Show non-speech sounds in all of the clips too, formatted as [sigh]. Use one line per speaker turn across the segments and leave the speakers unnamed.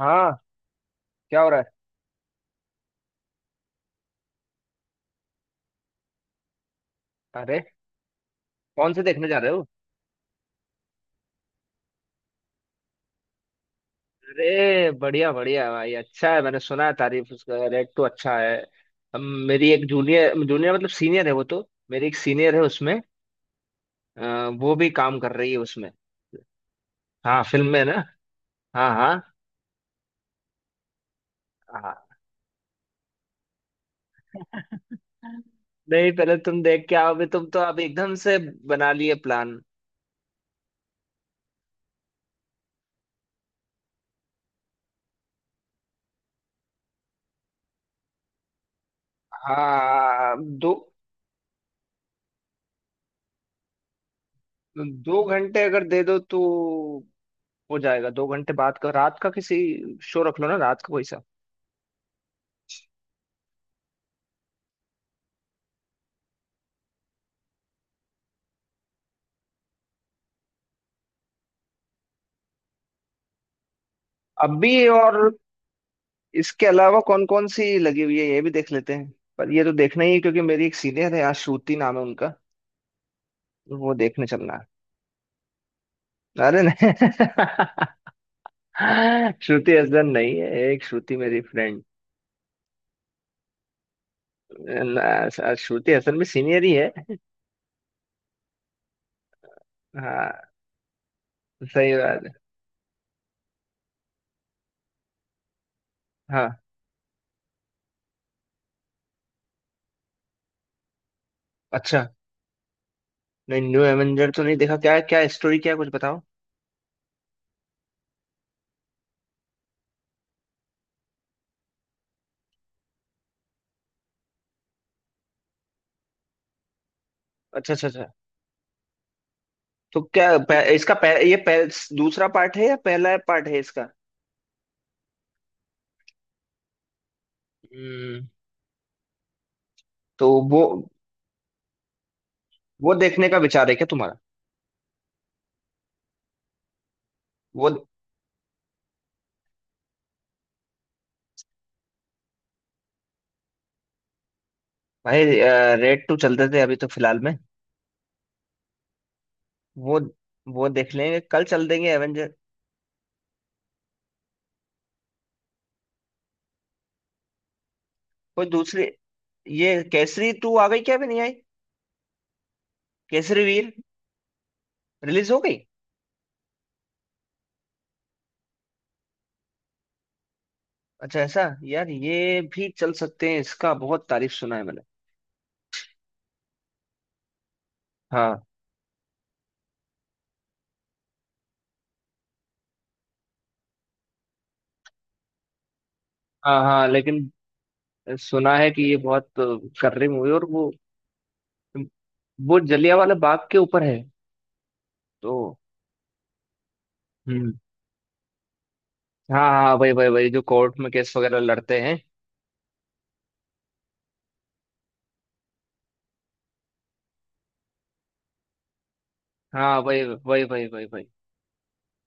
हाँ। क्या हो रहा है? अरे कौन से देखने जा रहे हो? अरे बढ़िया बढ़िया भाई, अच्छा है, मैंने सुना है तारीफ, उसका रेट तो अच्छा है। हम मेरी एक जूनियर जूनियर मतलब सीनियर है वो तो, मेरी एक सीनियर है उसमें, वो भी काम कर रही है उसमें। हाँ फिल्म में ना। हाँ हाँ। हाँ नहीं, पहले तुम देख के आओ, अभी तुम तो अब एकदम से बना लिए प्लान। हाँ दो। दो घंटे अगर दे दो तो हो जाएगा, दो घंटे बाद का रात का किसी शो रख लो ना, रात का कोई सा। अभी और, इसके अलावा कौन कौन सी लगी हुई है ये भी देख लेते हैं, पर ये तो देखना ही है क्योंकि मेरी एक सीनियर है यहाँ, श्रुति नाम है उनका, वो देखने चलना है। अरे नहीं। [laughs] श्रुति हसन नहीं है, एक श्रुति मेरी फ्रेंड। ना, श्रुति हसन भी सीनियर ही है। हाँ सही बात है। हाँ अच्छा। नहीं, न्यू एवेंजर तो नहीं देखा, क्या है, क्या स्टोरी क्या है, कुछ बताओ। अच्छा अच्छा अच्छा। तो क्या पह, इसका पह, ये पह, दूसरा पार्ट है या पहला पार्ट है इसका? हम्म। तो वो देखने का विचार है क्या तुम्हारा? वो भाई, रेड टू चलते थे अभी तो फिलहाल में, वो वो देख लेंगे कल, चल देंगे एवेंजर। कोई दूसरी, ये केसरी टू आ गई क्या, अभी नहीं आई? केसरी वीर रिलीज हो गई? अच्छा ऐसा? यार ये भी चल सकते हैं, इसका बहुत तारीफ सुना है मैंने। हाँ हाँ, हाँ लेकिन सुना है कि ये बहुत कर रही मूवी, और वो जलियांवाला बाग के ऊपर है तो। हम्म। हाँ हाँ वही वही वही जो कोर्ट में केस वगैरह लड़ते हैं। हाँ वही वही वही वही वही।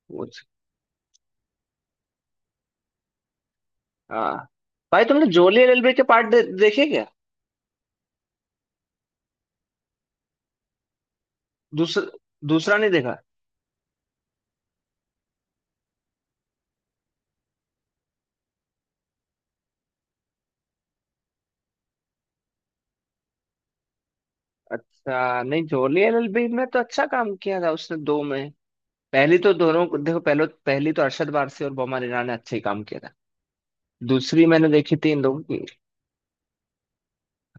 वो। हाँ भाई, तुमने जोली एलएलबी के पार्ट देखे क्या? दूसरा, दूसरा नहीं देखा? अच्छा, नहीं, जोली एलएलबी में तो अच्छा काम किया था उसने दो में। पहली तो देखो पहले, पहली तो अरशद वारसी और बोमन ईरानी ने अच्छे ही काम किया था। दूसरी मैंने देखी थी इन लोगों की।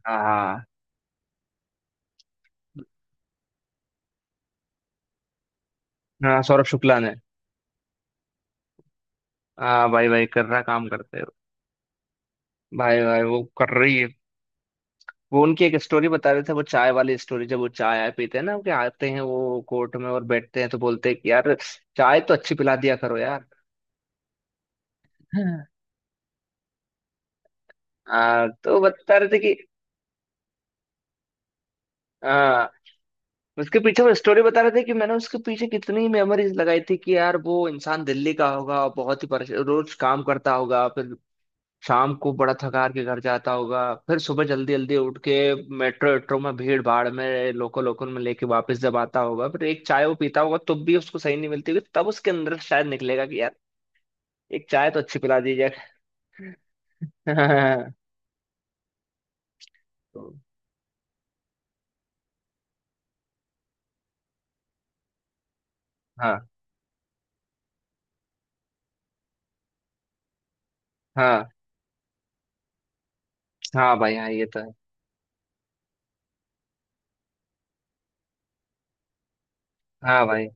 हाँ। हाँ सौरभ शुक्ला ने। हाँ भाई भाई कर रहा काम करते हो। भाई भाई वो कर रही है। वो उनकी एक स्टोरी बता रहे थे, वो चाय वाली स्टोरी, जब वो चाय आय पीते हैं ना, कि आते हैं वो कोर्ट में और बैठते हैं तो बोलते हैं कि यार, चाय तो अच्छी पिला दिया करो यार। आ, तो बता रहे थे कि, आ, उसके पीछे वो स्टोरी बता रहे थे कि मैंने उसके पीछे कितनी मेमोरीज लगाई थी कि यार, वो इंसान दिल्ली का होगा, बहुत ही परेशान रोज काम करता होगा, फिर शाम को बड़ा थकार के घर जाता होगा, फिर सुबह जल्दी जल्दी उठ के मेट्रो मेट्रो में भीड़ भाड़ में लोकल लोकल में लेके वापस जब आता होगा, फिर एक चाय वो पीता होगा तब भी उसको सही नहीं मिलती होगी, तब उसके अंदर शायद निकलेगा कि यार, एक चाय तो अच्छी पिला दी जाए। [laughs] तो हाँ हाँ, हाँ भाई हाँ ये तो है। हाँ भाई,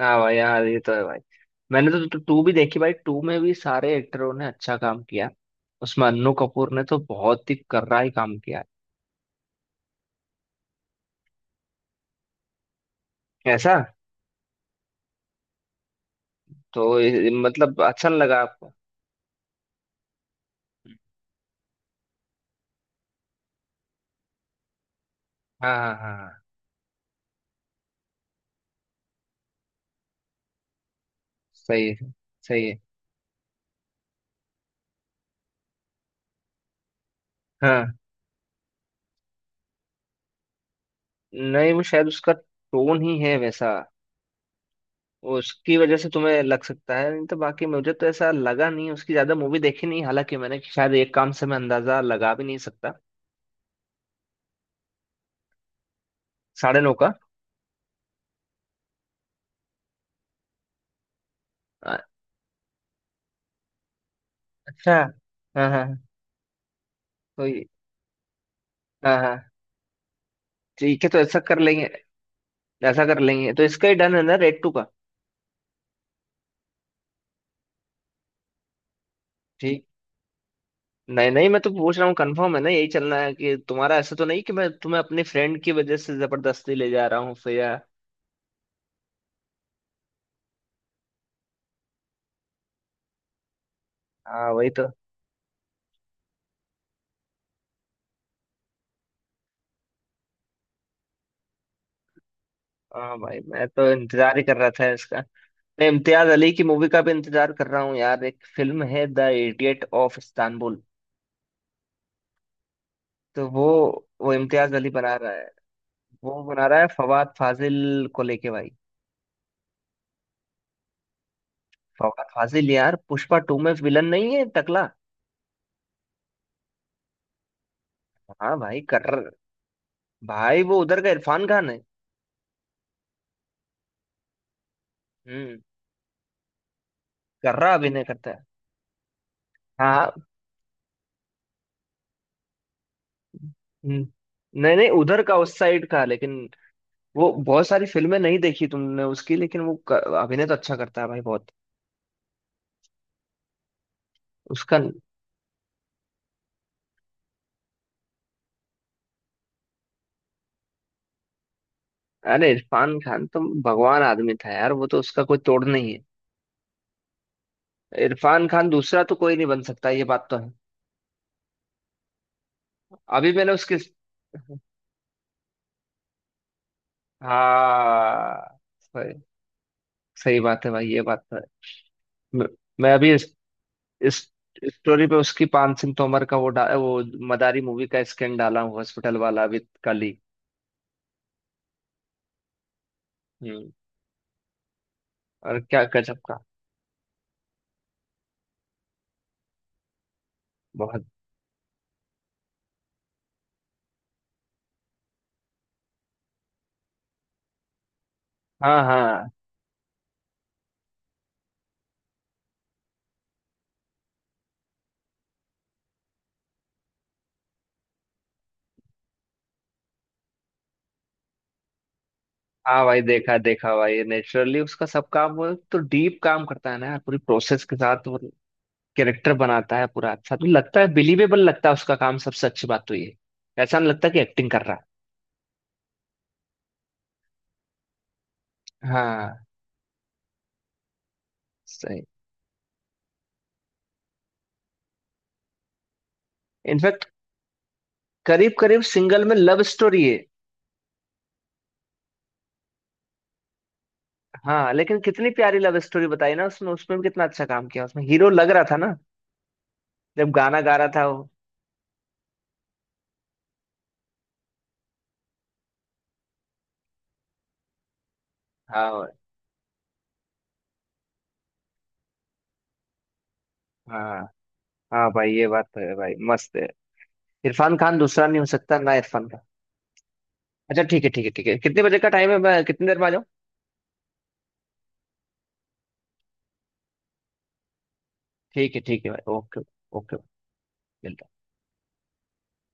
हाँ भाई यार ये तो है भाई, मैंने तो टू भी देखी भाई, टू में भी सारे एक्टरों ने अच्छा काम किया, उसमें अन्नू कपूर ने तो बहुत ही कर्रा ही काम किया। है ऐसा? तो मतलब अच्छा नहीं लगा आपको? हाँ हाँ हाँ हाँ, सही है। सही है। हाँ, नहीं वो शायद उसका टोन ही है वैसा, उसकी वजह से तुम्हें लग सकता है, नहीं तो बाकी मुझे तो ऐसा लगा नहीं, उसकी ज्यादा मूवी देखी नहीं हालांकि मैंने, शायद एक काम से मैं अंदाजा लगा भी नहीं सकता। साढ़े नौ का? अ- अच्छा। हाँ हाँ हाँ। तो हाँ हाँ ठीक है, तो ऐसा कर लेंगे, ऐसा कर लेंगे, तो इसका ही डन है ना, रेड टू का? ठीक। नहीं नहीं, मैं तो पूछ रहा हूँ कंफर्म है ना, यही चलना है कि, तुम्हारा ऐसा तो नहीं कि मैं तुम्हें अपने फ्रेंड की वजह से जबरदस्ती ले जा रहा हूँ फिर, या? हाँ वही तो। हाँ भाई, मैं तो इंतजार ही कर रहा था इसका। मैं इम्तियाज अली की मूवी का भी इंतजार कर रहा हूँ यार, एक फिल्म है द इडियट ऑफ इस्तांबुल, तो वो इम्तियाज अली बना रहा है। वो बना रहा है फवाद फाजिल को लेके भाई। फवाद फाजिल यार, पुष्पा टू में विलन नहीं है टकला। हाँ भाई कर, भाई वो उधर का इरफान खान है। हम्म, कर रहा, अभिनय करता है। हाँ। हम्म। नहीं नहीं उधर का, उस साइड का, लेकिन वो, बहुत सारी फिल्में नहीं देखी तुमने उसकी, लेकिन वो अभिनय तो अच्छा करता है भाई बहुत, उसका। अरे इरफान खान तो भगवान आदमी था यार, वो तो, उसका कोई तोड़ नहीं है। इरफान खान दूसरा तो कोई नहीं बन सकता, ये बात तो है। अभी मैंने उसकी। हाँ। सही, सही बात है भाई, ये बात तो है। मैं मैं अभी इस स्टोरी पे उसकी पान सिंह तोमर का वो वो मदारी मूवी का स्कैन डाला हूँ, हॉस्पिटल वाला विद कली। हम्म। और क्या गजब का, बहुत। हाँ हाँ। हाँ भाई देखा देखा भाई, नेचुरली उसका सब काम, वो तो डीप काम करता है ना यार, पूरी प्रोसेस के साथ वो कैरेक्टर बनाता है पूरा, अच्छा तो लगता है, बिलीवेबल लगता है उसका काम, सबसे अच्छी बात तो ये है। ऐसा नहीं लगता कि एक्टिंग कर रहा है। हाँ सही। इनफैक्ट करीब करीब सिंगल में लव स्टोरी है। हाँ लेकिन कितनी प्यारी लव स्टोरी बताई ना उसने, उसमें भी कितना अच्छा काम किया, उसमें हीरो लग रहा था ना जब गाना गा रहा था वो। हाँ हाँ। हाँ भाई ये बात तो है भाई, मस्त है, इरफान खान दूसरा नहीं हो सकता ना, इरफान खान। अच्छा ठीक है ठीक है ठीक है, कितने बजे का टाइम है, मैं कितनी देर में आ जाऊँ? ठीक है भाई, ओके। ओके। मिलता है।